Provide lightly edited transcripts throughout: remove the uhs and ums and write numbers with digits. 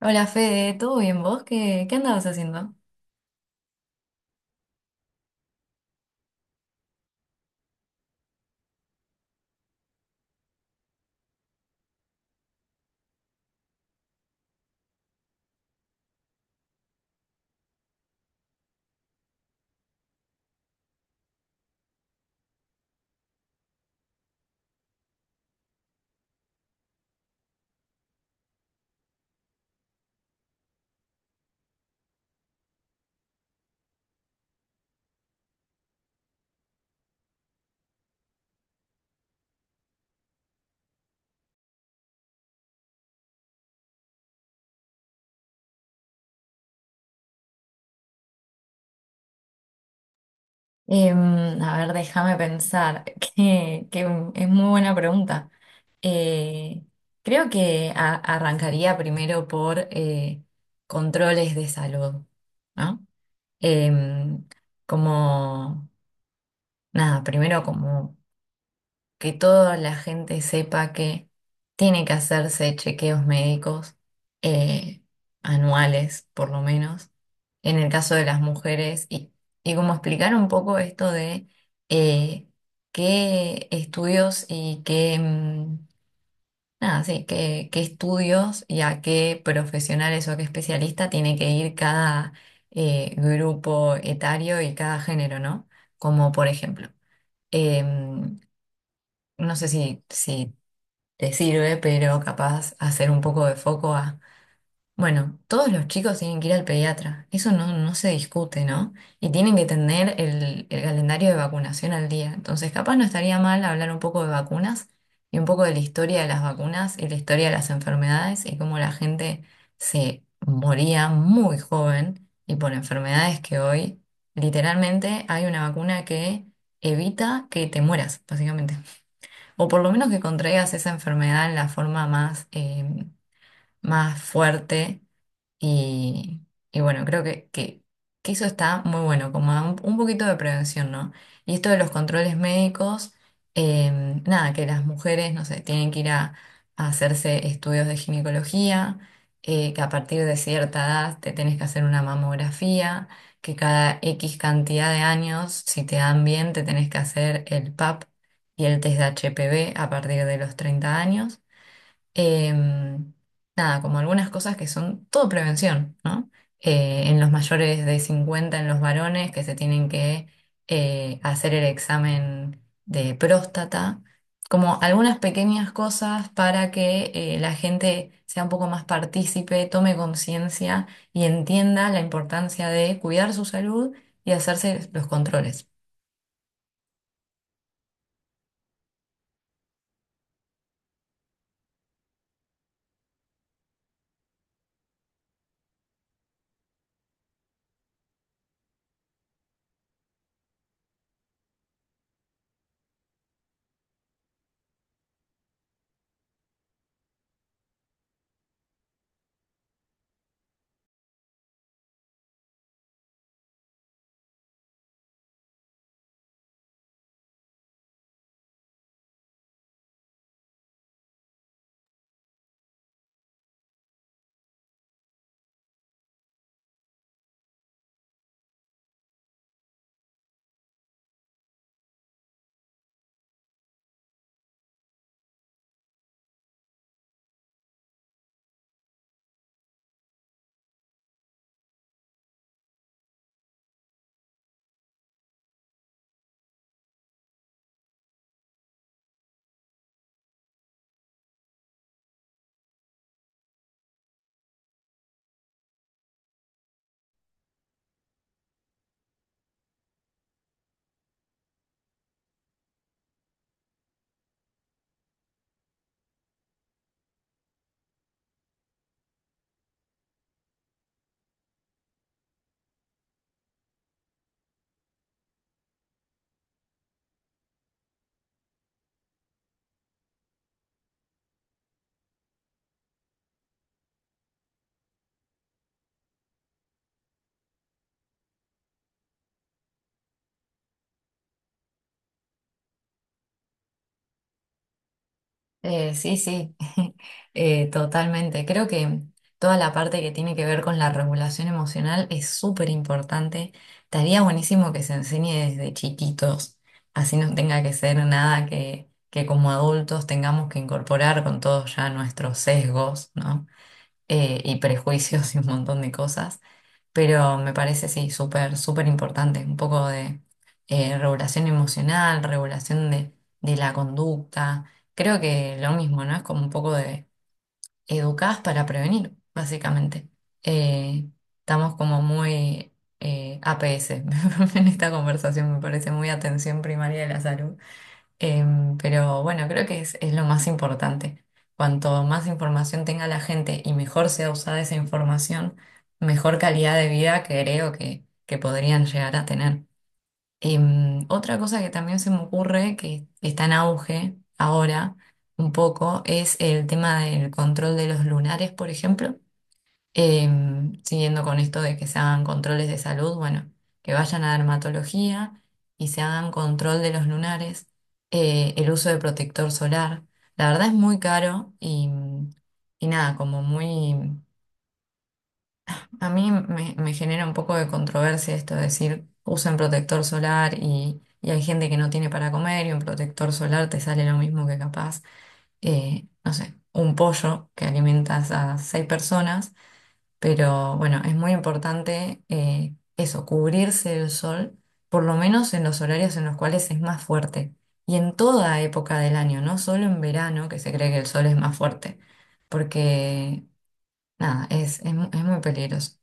Hola Fede, ¿todo bien vos? ¿Qué andabas haciendo? A ver, déjame pensar, que es muy buena pregunta. Eh, Creo que arrancaría primero por controles de salud, ¿no? Em, Como, nada, primero como que toda la gente sepa que tiene que hacerse chequeos médicos eh, anuales, por lo menos en el caso de las mujeres y como explicar un poco esto de eh, qué estudios y qué, nada, sí, qué estudios y a qué profesionales o a qué especialista tiene que ir cada grupo etario y cada género, ¿no? Como por ejemplo, em, no sé si, si te sirve, pero capaz hacer un poco de foco a bueno, todos los chicos tienen que ir al pediatra, eso no, no se discute, ¿no? Y tienen que tener el calendario de vacunación al día. Entonces, capaz no estaría mal hablar un poco de vacunas y un poco de la historia de las vacunas y la historia de las enfermedades y cómo la gente se moría muy joven y por enfermedades que hoy literalmente hay una vacuna que evita que te mueras, básicamente. O por lo menos que contraigas esa enfermedad en la forma más, más fuerte y, y bueno, creo que eso está muy bueno, como da un poquito de prevención, ¿no? Y esto de los controles médicos, nada, que las mujeres, no sé, tienen que ir a hacerse estudios de ginecología, que a partir de cierta edad te tenés que hacer una mamografía, que cada X cantidad de años, si te dan bien, te tenés que hacer el PAP y el test de HPV a partir de los 30 años. Em, Nada, como algunas cosas que son todo prevención, ¿no? En los mayores de 50 en los varones, que se tienen que hacer el examen de próstata, como algunas pequeñas cosas para que la gente sea un poco más partícipe, tome conciencia y entienda la importancia de cuidar su salud y hacerse los controles. Sí, totalmente. Creo que toda la parte que tiene que ver con la regulación emocional es súper importante. Estaría buenísimo que se enseñe desde chiquitos, así no tenga que ser nada que como adultos tengamos que incorporar con todos ya nuestros sesgos, ¿no? Y prejuicios y un montón de cosas. Pero me parece, sí, súper importante. Un poco de regulación emocional, regulación de la conducta. Creo que lo mismo, ¿no? Es como un poco de educadas para prevenir, básicamente. Eh, Estamos como muy APS en esta conversación, me parece muy atención primaria de la salud. Pero bueno, creo que es lo más importante. Cuanto más información tenga la gente y mejor sea usada esa información, mejor calidad de vida creo que podrían llegar a tener. Otra cosa que también se me ocurre que está en auge ahora un poco es el tema del control de los lunares, por ejemplo. Siguiendo con esto de que se hagan controles de salud, bueno, que vayan a dermatología y se hagan control de los lunares, el uso de protector solar. La verdad es muy caro y nada, como muy... A mí me genera un poco de controversia esto de decir, usen protector solar y hay gente que no tiene para comer y un protector solar te sale lo mismo que capaz, no sé, un pollo que alimentas a seis personas, pero bueno, es muy importante eso, cubrirse del sol, por lo menos en los horarios en los cuales es más fuerte. Y en toda época del año, no solo en verano, que se cree que el sol es más fuerte, porque nada, es, es muy peligroso.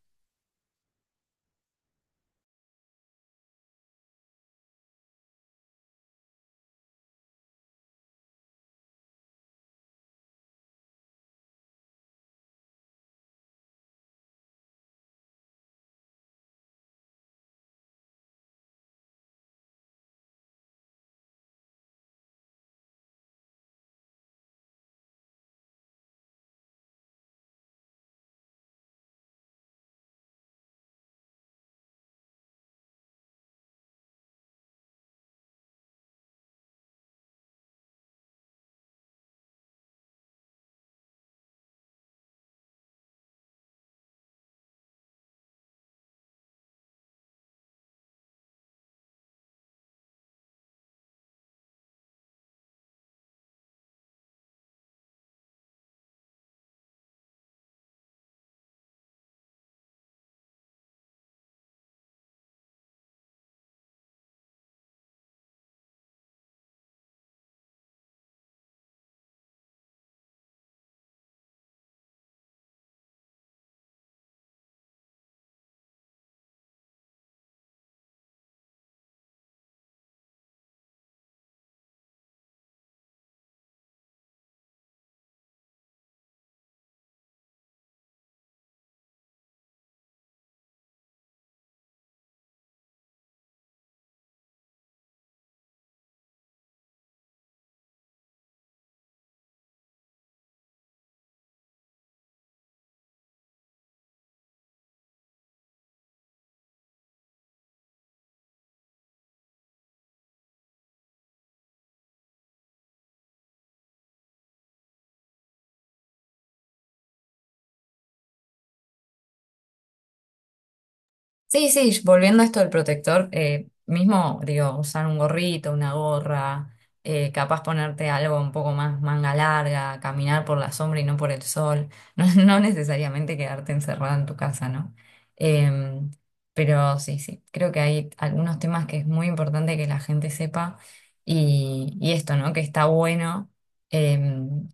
Sí, sí, volviendo a esto del protector, mismo, digo, usar un gorrito, una gorra, capaz ponerte algo un poco más manga larga, caminar por la sombra y no por el sol, no, no necesariamente quedarte encerrada en tu casa, ¿no? Em, pero sí, sí, creo que hay algunos temas que es muy importante que la gente sepa y esto, ¿no? Que está bueno. em,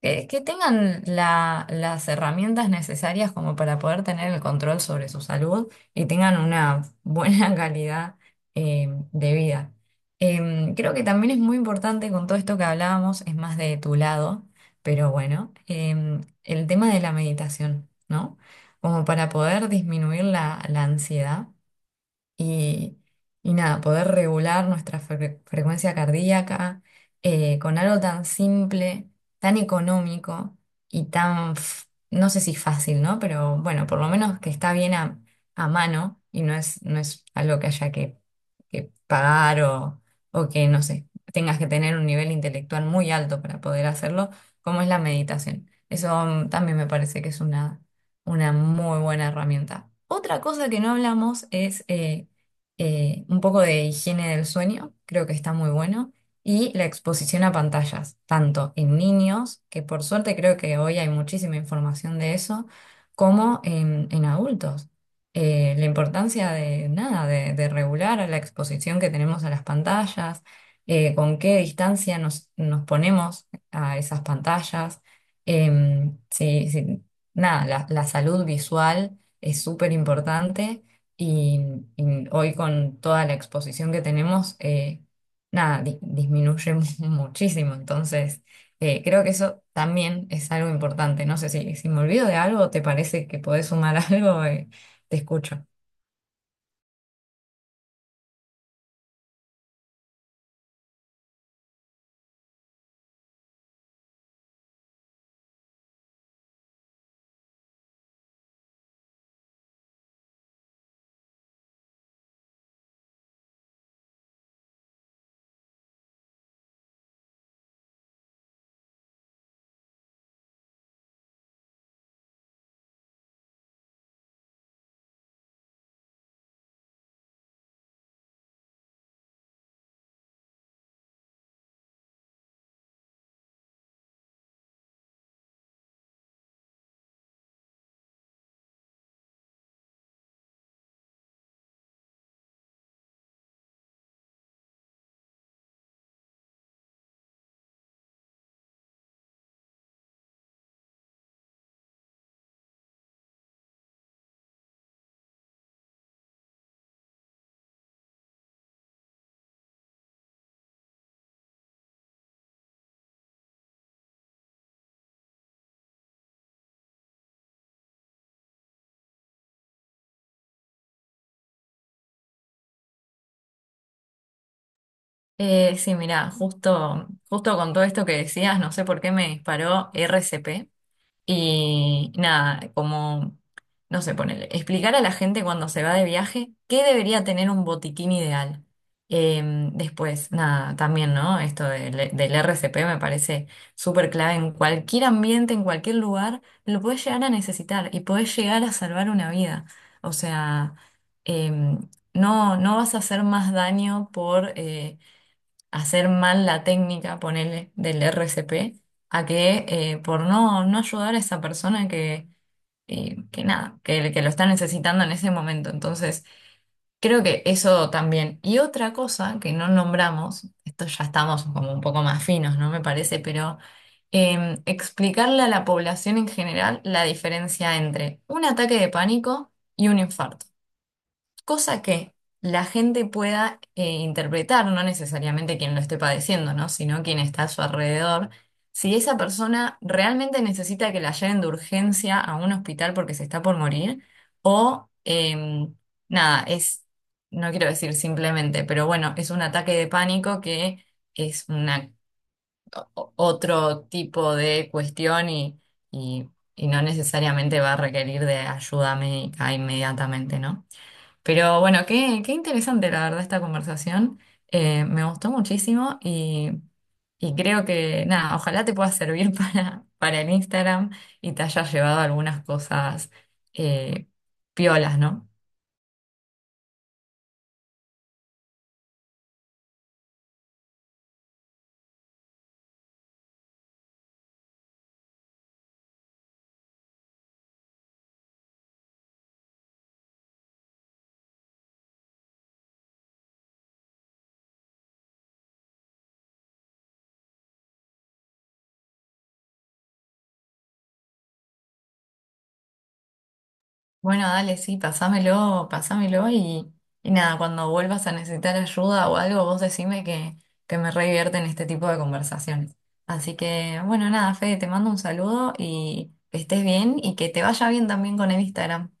que tengan las herramientas necesarias como para poder tener el control sobre su salud y tengan una buena calidad de vida. Creo que también es muy importante con todo esto que hablábamos, es más de tu lado, pero bueno, el tema de la meditación, ¿no? Como para poder disminuir la ansiedad y, y nada, poder regular nuestra frecuencia cardíaca con algo tan simple, tan económico y tan, no sé si fácil, ¿no? Pero bueno, por lo menos que está bien a mano y no es, no es algo que haya que pagar o que, no sé, tengas que tener un nivel intelectual muy alto para poder hacerlo, como es la meditación. Eso también me parece que es una muy buena herramienta. Otra cosa que no hablamos es un poco de higiene del sueño, creo que está muy bueno, y la exposición a pantallas, tanto en niños, que por suerte creo que hoy hay muchísima información de eso, como en adultos. La importancia de nada, de regular la exposición que tenemos a las pantallas, con qué distancia nos ponemos a esas pantallas. Sí, sí, nada, la salud visual es súper importante y, y hoy con toda la exposición que tenemos, nada, disminuye muchísimo. Entonces, creo que eso también es algo importante. No sé si, si me olvido de algo, ¿te parece que podés sumar algo? Te escucho. Sí, mira, justo con todo esto que decías, no sé por qué me disparó RCP. Y nada, como, no sé, ponele, explicar a la gente cuando se va de viaje qué debería tener un botiquín ideal. Eh, Después, nada, también, ¿no? Esto del RCP me parece súper clave. En cualquier ambiente, en cualquier lugar, lo puedes llegar a necesitar y puedes llegar a salvar una vida. O sea, eh, no, no vas a hacer más daño por... hacer mal la técnica, ponerle del RCP, a que por no, no ayudar a esa persona que nada, que lo está necesitando en ese momento. Entonces, creo que eso también. Y otra cosa que no nombramos, esto ya estamos como un poco más finos, ¿no? Me parece, pero explicarle a la población en general la diferencia entre un ataque de pánico y un infarto, cosa que la gente pueda interpretar, no necesariamente quien lo esté padeciendo, ¿no? Sino quien está a su alrededor. Si esa persona realmente necesita que la lleven de urgencia a un hospital porque se está por morir, o nada, es, no quiero decir simplemente, pero bueno, es un ataque de pánico que es una, otro tipo de cuestión y y no necesariamente va a requerir de ayuda médica inmediatamente, ¿no? Pero bueno, qué interesante la verdad esta conversación. Me gustó muchísimo y creo que nada, ojalá te pueda servir para el Instagram y te hayas llevado algunas cosas eh, piolas, ¿no? Bueno, dale, sí, pasámelo, pasámelo y nada, cuando vuelvas a necesitar ayuda o algo, vos decime que me re divierte en este tipo de conversaciones. Así que bueno, nada, Fede, te mando un saludo y que estés bien y que te vaya bien también con el Instagram.